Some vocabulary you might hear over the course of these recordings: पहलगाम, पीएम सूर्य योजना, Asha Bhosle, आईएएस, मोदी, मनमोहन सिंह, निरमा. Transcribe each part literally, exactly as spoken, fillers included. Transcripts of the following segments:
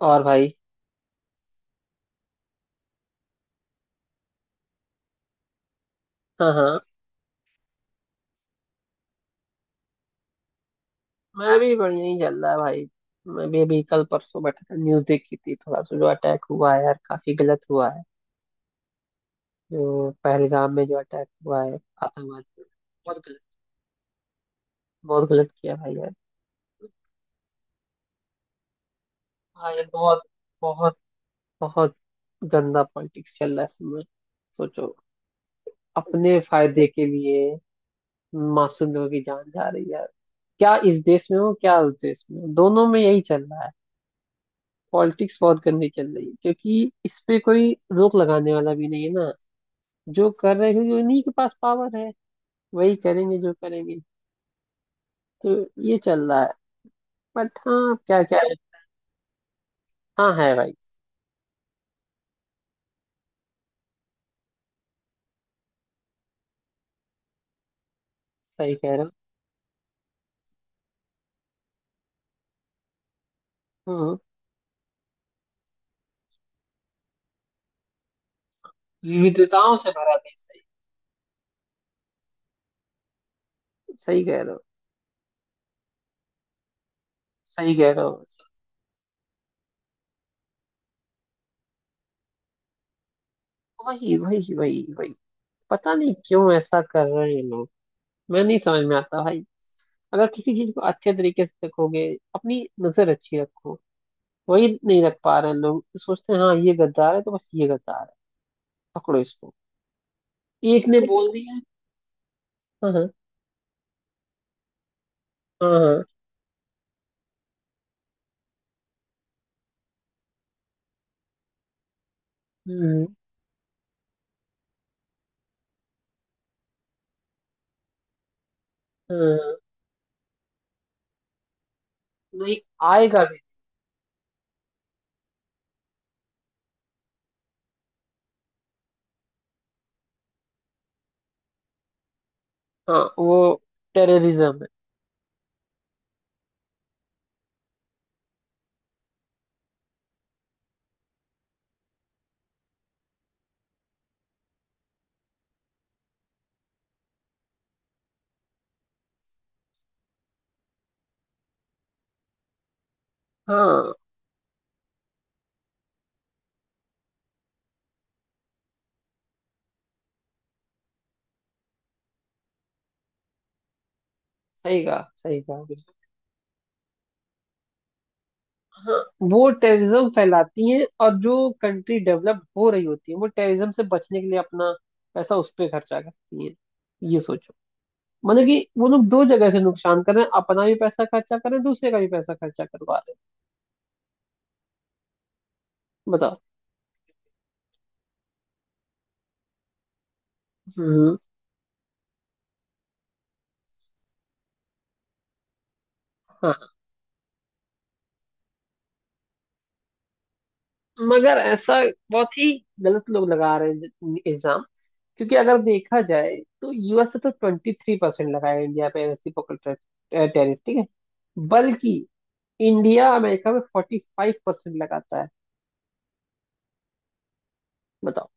और भाई। हाँ हाँ। मैं भी बढ़िया ही चल रहा है भाई। मैं भी अभी कल परसों बैठा था, न्यूज देखी थी थोड़ा सा। जो अटैक हुआ है यार काफी गलत हुआ है। जो पहलगाम में जो अटैक हुआ है आतंकवाद पे, बहुत गलत। बहुत गलत किया भाई यार। भाई बहुत बहुत बहुत गंदा पॉलिटिक्स चल रहा है इसमें। सोचो, अपने फायदे के लिए मासूम लोगों की जान जा रही है यार। क्या इस देश में हो क्या उस देश में हो, दोनों में यही चल रहा है। पॉलिटिक्स बहुत गंदी चल रही है, क्योंकि इस पे कोई रोक लगाने वाला भी नहीं है ना। जो कर रहे हैं क्योंकि उन्हीं के पास पावर है, वही करेंगे जो करेंगे। तो ये चल रहा है। बट हाँ, क्या क्या है। हाँ है भाई। सही कह रहे हो। हम्म, विविधताओं से भरा देश है। सही कह रहे हो। सही कह रहे हो। वही वही वही वही, पता नहीं क्यों ऐसा कर रहे हैं ये लोग। मैं नहीं समझ में आता भाई। अगर किसी चीज को अच्छे तरीके से देखोगे, अपनी नजर अच्छी रखो। वही नहीं रख पा रहे हैं लोग, तो सोचते हैं हाँ ये गद्दार है तो बस ये गद्दार है, पकड़ो इसको। एक ने बोल दिया। हाँ हाँ। हाँ हाँ। हम्म। हाँ, नहीं, आएगा भी। हाँ वो टेररिज्म है। हाँ। सही कहा, सही कहा, बिल्कुल। हाँ, वो टेररिज्म फैलाती हैं। और जो कंट्री डेवलप हो रही होती है वो टेररिज्म से बचने के लिए अपना पैसा उस पे खर्चा करती है। ये सोचो, मतलब कि वो लोग दो जगह से नुकसान कर रहे हैं, अपना भी पैसा खर्चा कर रहे हैं दूसरे का भी पैसा खर्चा करवा रहे हैं। बताओ। हम्म। हाँ। मगर ऐसा बहुत ही गलत लोग लगा रहे हैं एग्जाम। क्योंकि अगर देखा जाए तो यूएस से तो ट्वेंटी थ्री परसेंट लगाया इंडिया पे रेसिप्रोकल टैरिफ, ठीक है। बल्कि इंडिया अमेरिका में फोर्टी फाइव परसेंट लगाता है, बताओ।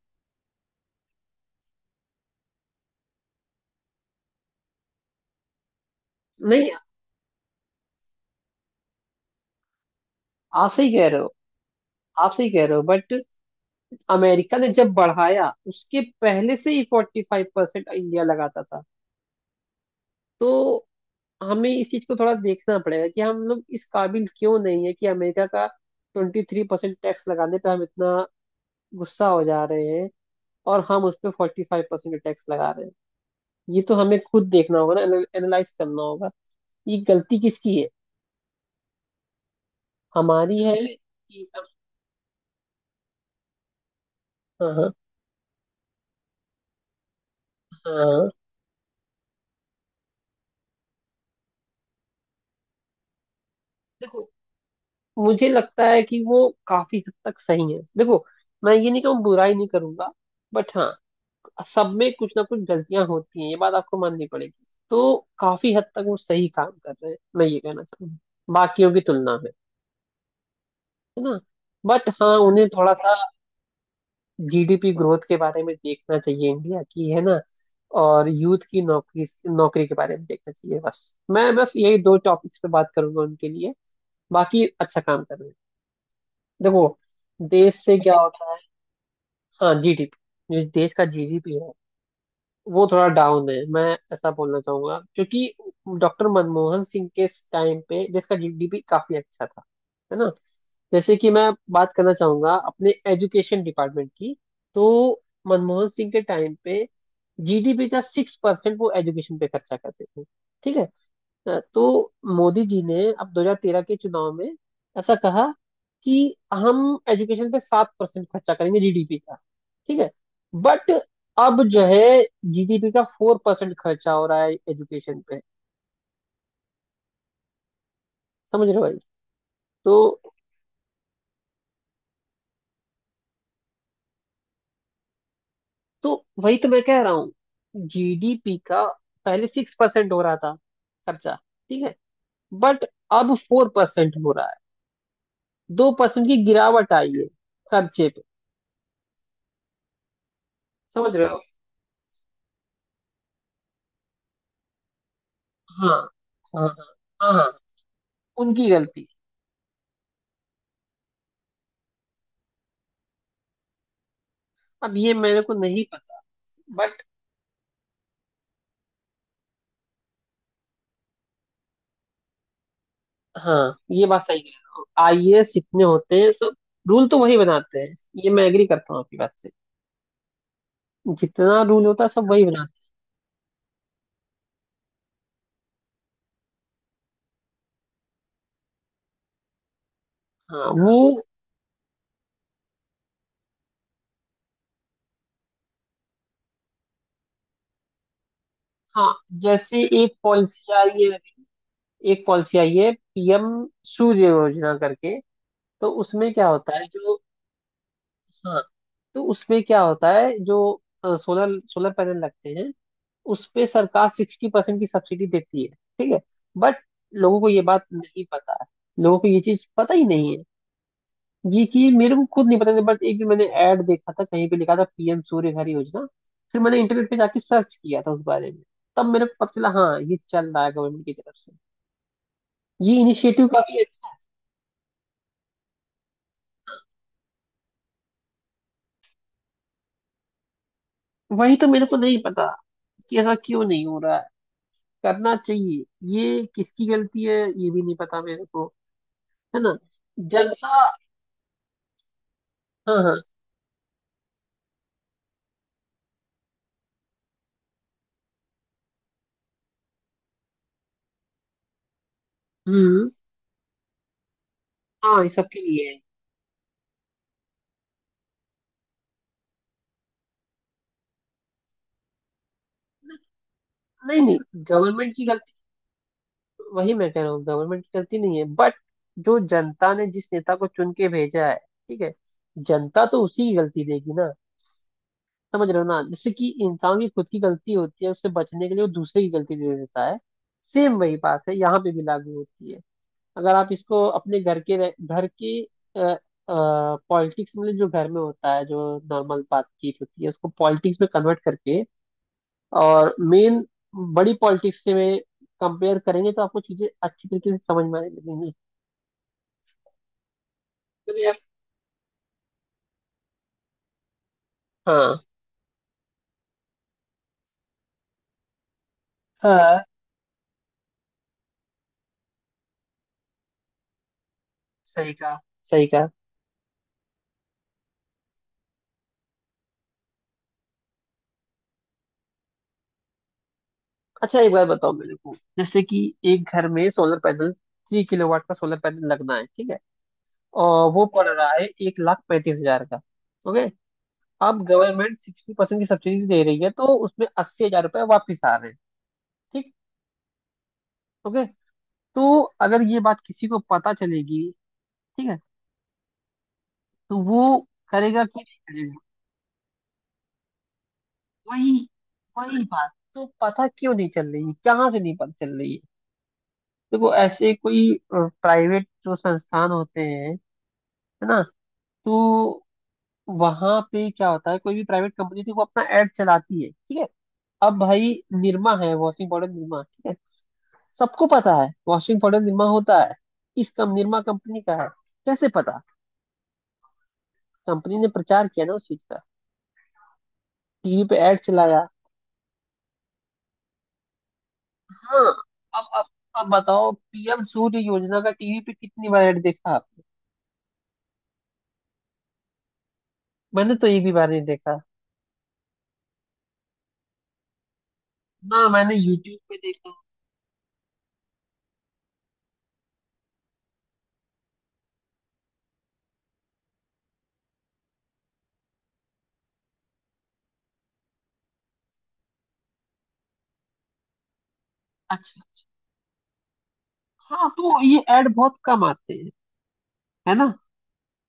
नहीं, आप सही कह रहे हो। आप सही कह रहे हो बट अमेरिका ने जब बढ़ाया उसके पहले से ही फोर्टी फाइव परसेंट इंडिया लगाता था। तो हमें इस चीज को थोड़ा देखना पड़ेगा कि हम लोग इस काबिल क्यों नहीं है कि अमेरिका का ट्वेंटी थ्री परसेंट टैक्स लगाने पे हम इतना गुस्सा हो जा रहे हैं, और हम उस पे फोर्टी फाइव परसेंट टैक्स लगा रहे हैं। ये तो हमें खुद देखना होगा ना, एनालाइज करना होगा। ये गलती किसकी है? हमारी है अरे कि। हाँ हाँ। हाँ। देखो, मुझे लगता है कि वो काफी हद तक सही है। देखो, मैं ये नहीं कहूँ, बुराई नहीं करूंगा। बट हाँ, सब में कुछ ना कुछ गलतियां होती हैं ये बात आपको माननी पड़ेगी। तो काफी हद तक वो सही काम कर रहे हैं मैं ये कहना चाहूंगा, बाकियों की तुलना में, है ना। बट हाँ, उन्हें थोड़ा सा जीडीपी ग्रोथ के बारे में देखना चाहिए इंडिया की, है ना। और यूथ की नौकरी नौकरी के बारे में देखना चाहिए। बस मैं बस यही दो टॉपिक्स पे बात करूंगा उनके लिए, बाकी अच्छा काम कर रहे हैं। देखो, देश से क्या होता है। हाँ, जीडीपी, जो देश का जीडीपी है वो थोड़ा डाउन है मैं ऐसा बोलना चाहूंगा। क्योंकि डॉक्टर मनमोहन सिंह के टाइम पे देश का जीडीपी काफी अच्छा था, है ना। जैसे कि मैं बात करना चाहूंगा अपने एजुकेशन डिपार्टमेंट की। तो मनमोहन सिंह के टाइम पे जीडीपी का सिक्स परसेंट वो एजुकेशन पे खर्चा करते थे, ठीक है। तो मोदी जी ने अब दो हज़ार तेरह के चुनाव में ऐसा कहा कि हम एजुकेशन पे सात परसेंट खर्चा करेंगे जीडीपी का, ठीक है। बट अब जो है, जीडीपी का फोर परसेंट खर्चा हो रहा है एजुकेशन पे। समझ रहे हो भाई। तो तो वही तो मैं कह रहा हूँ, जीडीपी का पहले सिक्स परसेंट हो रहा था खर्चा, ठीक है। बट अब फोर परसेंट हो रहा है, दो परसेंट की गिरावट आई है खर्चे पे। समझ रहे हो। हाँ हाँ। हाँ हाँ। हाँ, उनकी गलती। अब ये मेरे को नहीं पता। बट हाँ, ये बात सही कह रहा हूँ, आईएएस जितने होते हैं सब, रूल तो वही बनाते हैं। ये मैं एग्री करता हूँ आपकी बात से, जितना रूल होता है सब वही बनाते हैं। हाँ वो। हाँ, जैसे एक पॉलिसी आई है, एक पॉलिसी आई है पीएम सूर्य योजना करके। तो उसमें क्या होता है जो, हाँ, तो उसमें क्या होता है जो सोलर सोलर पैनल लगते हैं, उस पे सरकार सिक्सटी परसेंट की सब्सिडी देती है, ठीक है। बट लोगों को ये बात नहीं पता है, लोगों को ये चीज पता ही नहीं है। ये कि मेरे को खुद नहीं पता था, बट एक दिन मैंने ऐड देखा था, कहीं पे लिखा था पीएम सूर्य घर योजना। फिर मैंने इंटरनेट पे जाके सर्च किया था उस बारे में, तब मेरे को पता चला हाँ ये चल रहा है गवर्नमेंट की तरफ से। ये इनिशिएटिव काफी अच्छा है। वही तो मेरे को नहीं पता कि ऐसा क्यों नहीं हो रहा है, करना चाहिए। ये किसकी गलती है ये भी नहीं पता मेरे को, है ना। जनता। हाँ हाँ। हम्म। हाँ, ये सबके लिए है। नहीं नहीं, गवर्नमेंट की गलती, वही मैं कह रहा हूँ गवर्नमेंट की गलती नहीं है। बट जो जनता ने जिस नेता को चुन के भेजा है, ठीक है, जनता तो उसी की गलती देगी ना। समझ रहे हो ना, जैसे कि इंसान की खुद की गलती होती है उससे बचने के लिए वो दूसरे की गलती दे देता है। सेम वही बात है, यहाँ पे भी लागू होती है। अगर आप इसको अपने घर के रह- घर के पॉलिटिक्स, मतलब जो घर में होता है जो नॉर्मल बातचीत होती है, उसको पॉलिटिक्स में कन्वर्ट करके और मेन बड़ी पॉलिटिक्स से में कंपेयर करेंगे, तो आपको चीजें अच्छी तरीके से समझ में आने लगेंगी। तो यार। हाँ हाँ। सही कहा, सही कहा। अच्छा, एक बार बताओ मेरे को, जैसे कि एक घर में सोलर पैनल थ्री किलोवाट का सोलर पैनल लगना है, ठीक है। और वो पड़ रहा है एक लाख पैंतीस हजार का। ओके। अब गवर्नमेंट सिक्सटी परसेंट की सब्सिडी दे रही है तो उसमें अस्सी हजार रुपये वापिस आ रहे हैं। ठीक। ओके। तो अगर ये बात किसी को पता चलेगी, ठीक है, तो वो करेगा कि नहीं। वही, वही बात तो पता क्यों नहीं चल रही है, कहाँ से नहीं पता चल रही है। देखो, ऐसे कोई प्राइवेट जो संस्थान होते हैं, है ना, तो वहां पे क्या होता है, कोई भी प्राइवेट कंपनी थी वो अपना एड चलाती है, ठीक है। अब भाई, निरमा है वॉशिंग पाउडर, निरमा, ठीक है। सबको पता है वॉशिंग पाउडर निरमा होता है। इस कम निरमा कंपनी का है, कैसे पता? कंपनी ने प्रचार किया ना उस चीज का, टीवी पे एड चलाया। हाँ। अब अब अब बताओ, पीएम सूर्य योजना का टीवी पे कितनी बार ऐड देखा आपने? मैंने तो एक भी बार नहीं देखा, ना मैंने यूट्यूब पे देखा। अच्छा अच्छा। हाँ, तो ये ऐड बहुत कम आते हैं, है ना।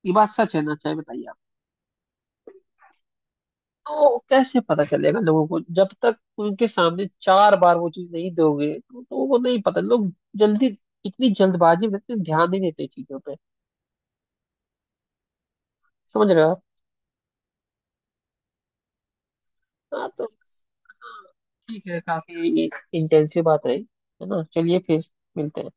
ये बात सच है ना, चाहे बताइए आप। तो कैसे पता चलेगा लोगों को, जब तक उनके सामने चार बार वो चीज नहीं दोगे तो लोगों को नहीं पता। लोग जल्दी, इतनी जल्दबाजी में इतना ध्यान नहीं देते चीजों पे। समझ रहे हो। हाँ तो बस, हाँ, ठीक है। काफी इंटेंसिव बात रही, है ना। चलिए फिर मिलते हैं।